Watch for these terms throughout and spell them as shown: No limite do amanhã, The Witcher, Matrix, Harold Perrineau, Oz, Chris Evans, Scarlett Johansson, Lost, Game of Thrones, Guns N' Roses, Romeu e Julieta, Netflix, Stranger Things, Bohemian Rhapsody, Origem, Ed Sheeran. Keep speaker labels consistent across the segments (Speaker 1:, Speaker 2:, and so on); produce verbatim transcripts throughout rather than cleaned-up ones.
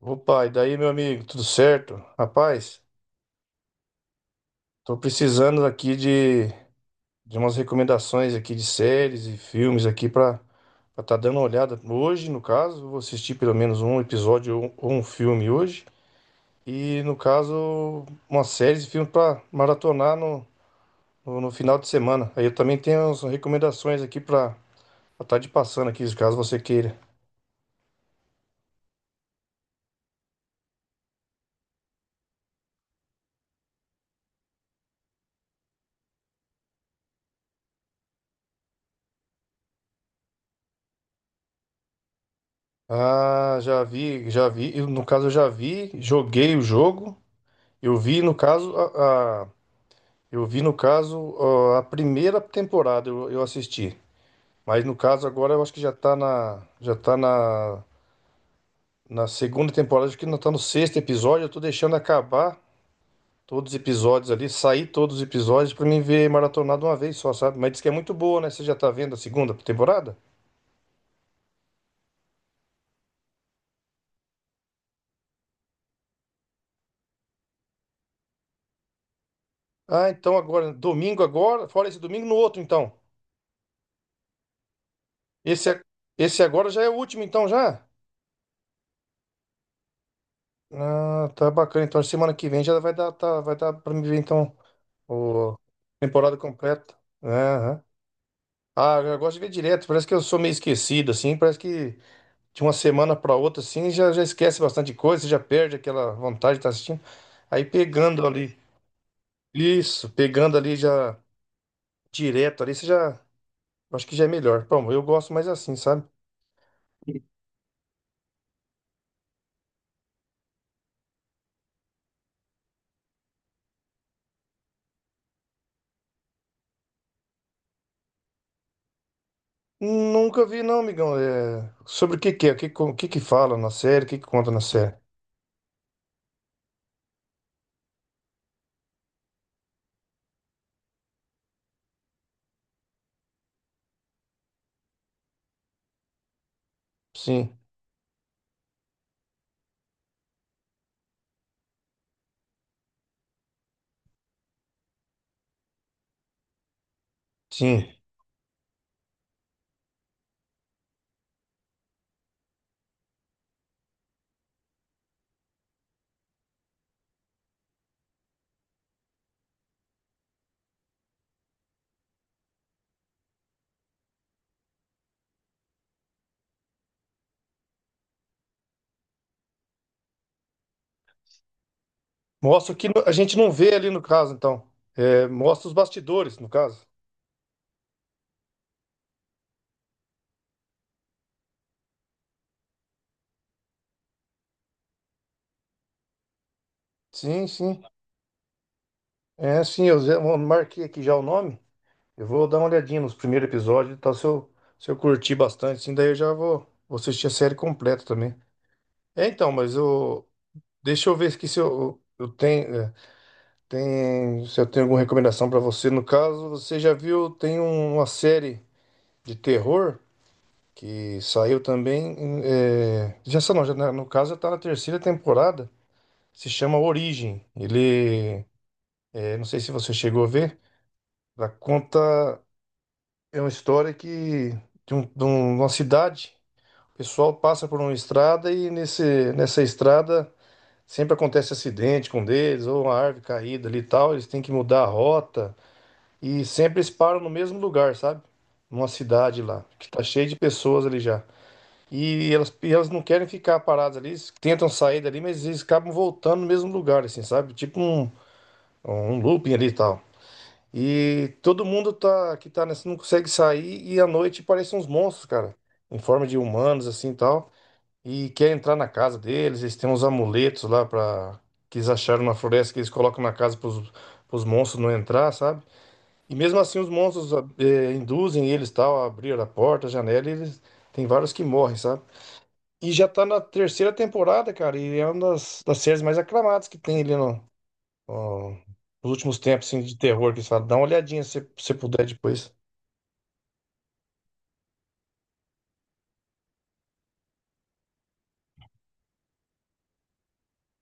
Speaker 1: Opa, e daí, meu amigo, tudo certo? Rapaz, tô precisando aqui de, de umas recomendações aqui de séries e filmes aqui pra pra tá dando uma olhada. Hoje, no caso, eu vou assistir pelo menos um episódio ou ou um filme hoje. E, no caso, uma série e filme pra maratonar no, no, no final de semana. Aí eu também tenho umas recomendações aqui pra estar tá te passando aqui, caso você queira. Ah, já vi, já vi. Eu, No caso, eu já vi, joguei o jogo. Eu vi, no caso, a, a- Eu vi, no caso, ó, a primeira temporada eu, eu assisti. Mas no caso agora eu acho que já tá na. Já tá na, na segunda temporada, acho que não tá no sexto episódio. Eu tô deixando acabar todos os episódios ali, sair todos os episódios pra mim ver maratonado de uma vez só, sabe? Mas diz que é muito boa, né? Você já tá vendo a segunda temporada? Ah, então agora, domingo agora, fora esse domingo, no outro então. Esse, é- esse agora já é o último então já? Ah, tá bacana. Então, semana que vem já vai dar, tá, vai dar pra me ver, então, o temporada completa. Né? Aham. Ah, eu gosto de ver direto. Parece que eu sou meio esquecido, assim. Parece que de uma semana pra outra, assim, já, já esquece bastante coisa, já perde aquela vontade de estar assistindo. Aí pegando ali, isso, pegando ali já direto ali, você já, acho que já é melhor. Bom, eu gosto mais assim, sabe? Nunca vi, não, amigão. É... Sobre o que que é? O que, o que que fala na série? O que que conta na série? Sim, sim. Mostra o que no- a gente não vê ali no caso, então. É, mostra os bastidores, no caso. Sim, sim. É, sim, eu já- eu marquei aqui já o nome. Eu vou dar uma olhadinha nos primeiros episódios e tal, se eu, se eu curtir bastante, sim, daí eu já vou, vou assistir a série completa também. É, então, mas eu... Deixa eu ver aqui se eu, eu tenho, é, tem, se eu tenho alguma recomendação pra você. No caso, você já viu, tem um- uma série de terror que saiu também. É, já sei não, já, na- no caso já tá na terceira temporada. Se chama Origem. Ele, é, não sei se você chegou a ver, ela conta é uma história que de, um- de um- de uma cidade, o pessoal passa por uma estrada e nesse, nessa estrada sempre acontece acidente com um deles, ou uma árvore caída ali e tal, eles têm que mudar a rota e sempre eles param no mesmo lugar, sabe? Numa cidade lá, que tá cheia de pessoas ali já. E elas, e elas não querem ficar paradas ali, eles tentam sair dali, mas eles acabam voltando no mesmo lugar, assim, sabe? Tipo um, um looping ali e tal. E todo mundo tá que tá nessa não consegue sair e à noite parecem uns monstros, cara, em forma de humanos assim e tal, e quer entrar na casa deles, eles têm uns amuletos lá para que eles acharam na floresta que eles colocam na casa pros os monstros não entrar, sabe? E mesmo assim os monstros ah, eh, induzem eles tal a abrir a porta, a janela, e eles tem vários que morrem, sabe? E já tá na terceira temporada, cara, e é uma das, das séries mais aclamadas que tem ali ó, os últimos tempos assim, de terror que eles falam. Dá uma olhadinha se você puder depois.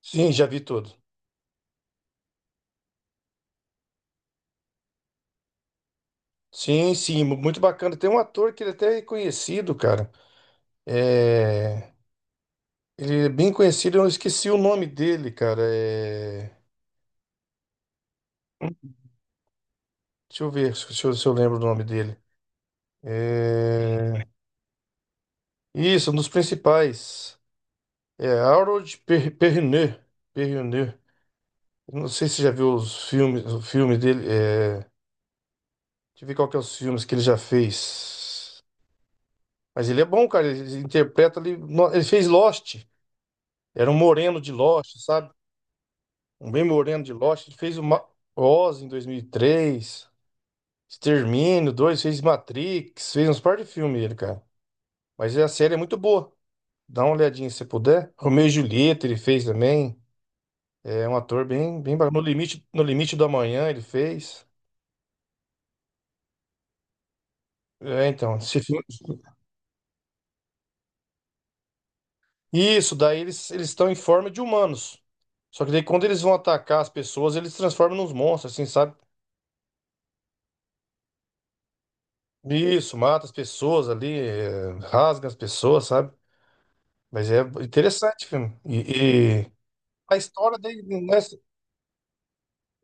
Speaker 1: Sim, já vi tudo. Sim, sim, mu- muito bacana. Tem um ator que ele até é conhecido, cara. É... Ele é bem conhecido, eu esqueci o nome dele, cara. É... Deixa eu ver se se eu, se eu lembro o nome dele. É... Isso, um dos principais. É Harold Per- Perrineau. Perrineau. Não sei se você já viu os filmes, o filme dele. É... Deixa eu ver qual que é os filmes que ele já fez. Mas ele é bom, cara. Ele interpreta ali. No- Ele fez Lost. Era um moreno de Lost, sabe? Um bem moreno de Lost. Ele fez o Ma- Oz em dois mil e três. Extermínio dois. Fez Matrix. Fez uns par de filme ele, cara. Mas a série é muito boa. Dá uma olhadinha se você puder. Romeu e Julieta ele fez também. É um ator bem, bem bacana. No limite, no limite do amanhã ele fez. É, então. Esse filme... Isso, daí eles eles estão em forma de humanos. Só que daí quando eles vão atacar as pessoas, eles se transformam nos monstros, assim, sabe? Isso, mata as pessoas ali, eh, rasga as pessoas, sabe? Mas é interessante o filme. E, e a história dele. Não é-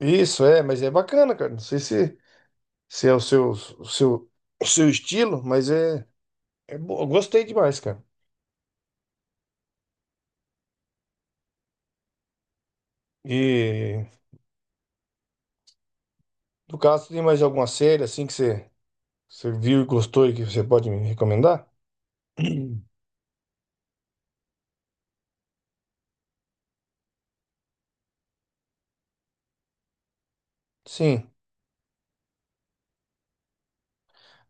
Speaker 1: Isso, é, mas é bacana, cara. Não sei se, se é o seu, o seu, o seu estilo, mas é, é bo- eu gostei demais, cara. E no caso, tem mais alguma série assim que você, você viu e gostou e que você pode me recomendar? Sim.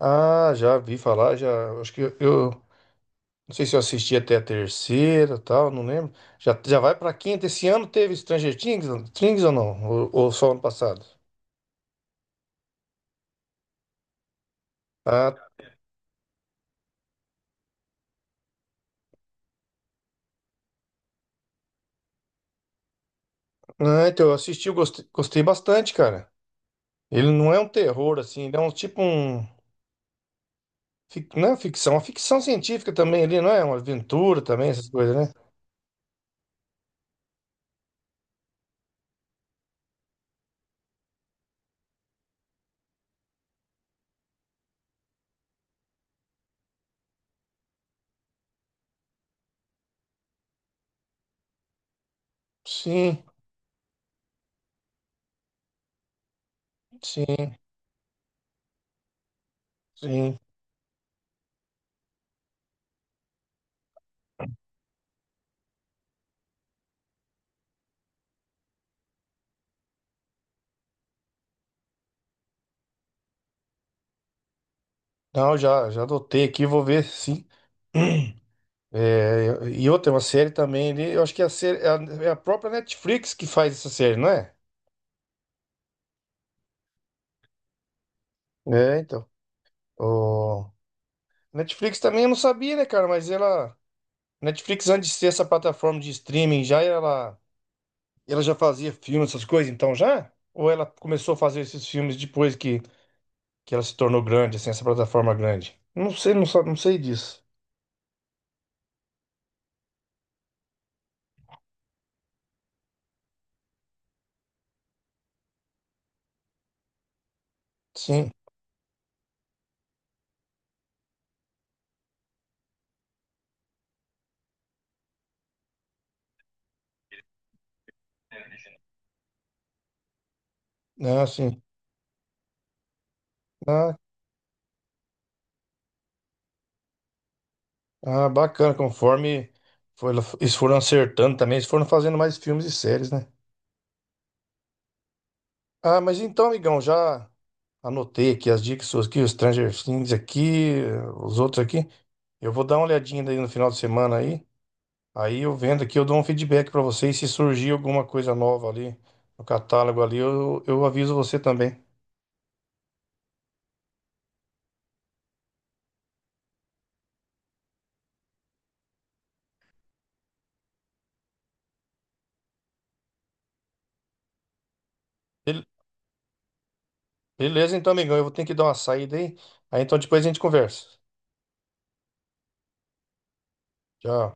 Speaker 1: Ah, já vi falar, já. Acho que eu. Não sei se eu assisti até a terceira, tal, não lembro. Já, já vai pra quinta. Esse ano teve Stranger Things, Things ou não? Ou, ou só ano passado? Ah, ah, então eu assisti, eu gostei, gostei bastante, cara. Ele não é um terror, assim, ele é um tipo um. fic- Não é ficção, é uma ficção científica também ali, não é? Uma aventura também, essas coisas, né? Sim, sim, sim. Não, já, já adotei aqui, vou ver, sim. É, e outra, é uma série também ali, eu acho que é a, série, é a é a própria Netflix que faz essa série, não é? É, então. O Netflix também eu não sabia, né, cara? Mas ela. Netflix, antes de ser essa plataforma de streaming, já ela, ela já fazia filmes, essas coisas, então já? Ou ela começou a fazer esses filmes depois que, que ela se tornou grande, assim, essa plataforma grande? Não sei, não, sa- não sei disso. Sim. Ah, sim. Ah, ah, bacana, conforme foi, eles foram acertando também, eles foram fazendo mais filmes e séries, né? Ah, mas então, amigão, já anotei aqui as dicas suas aqui, os Stranger Things aqui, os outros aqui. Eu vou dar uma olhadinha daí no final de semana aí. Aí eu vendo aqui, eu dou um feedback pra vocês. Se surgir alguma coisa nova ali no catálogo ali, eu, eu aviso você também. Bel- Beleza, então, amigão. Eu vou ter que dar uma saída aí. Aí então depois a gente conversa. Tchau.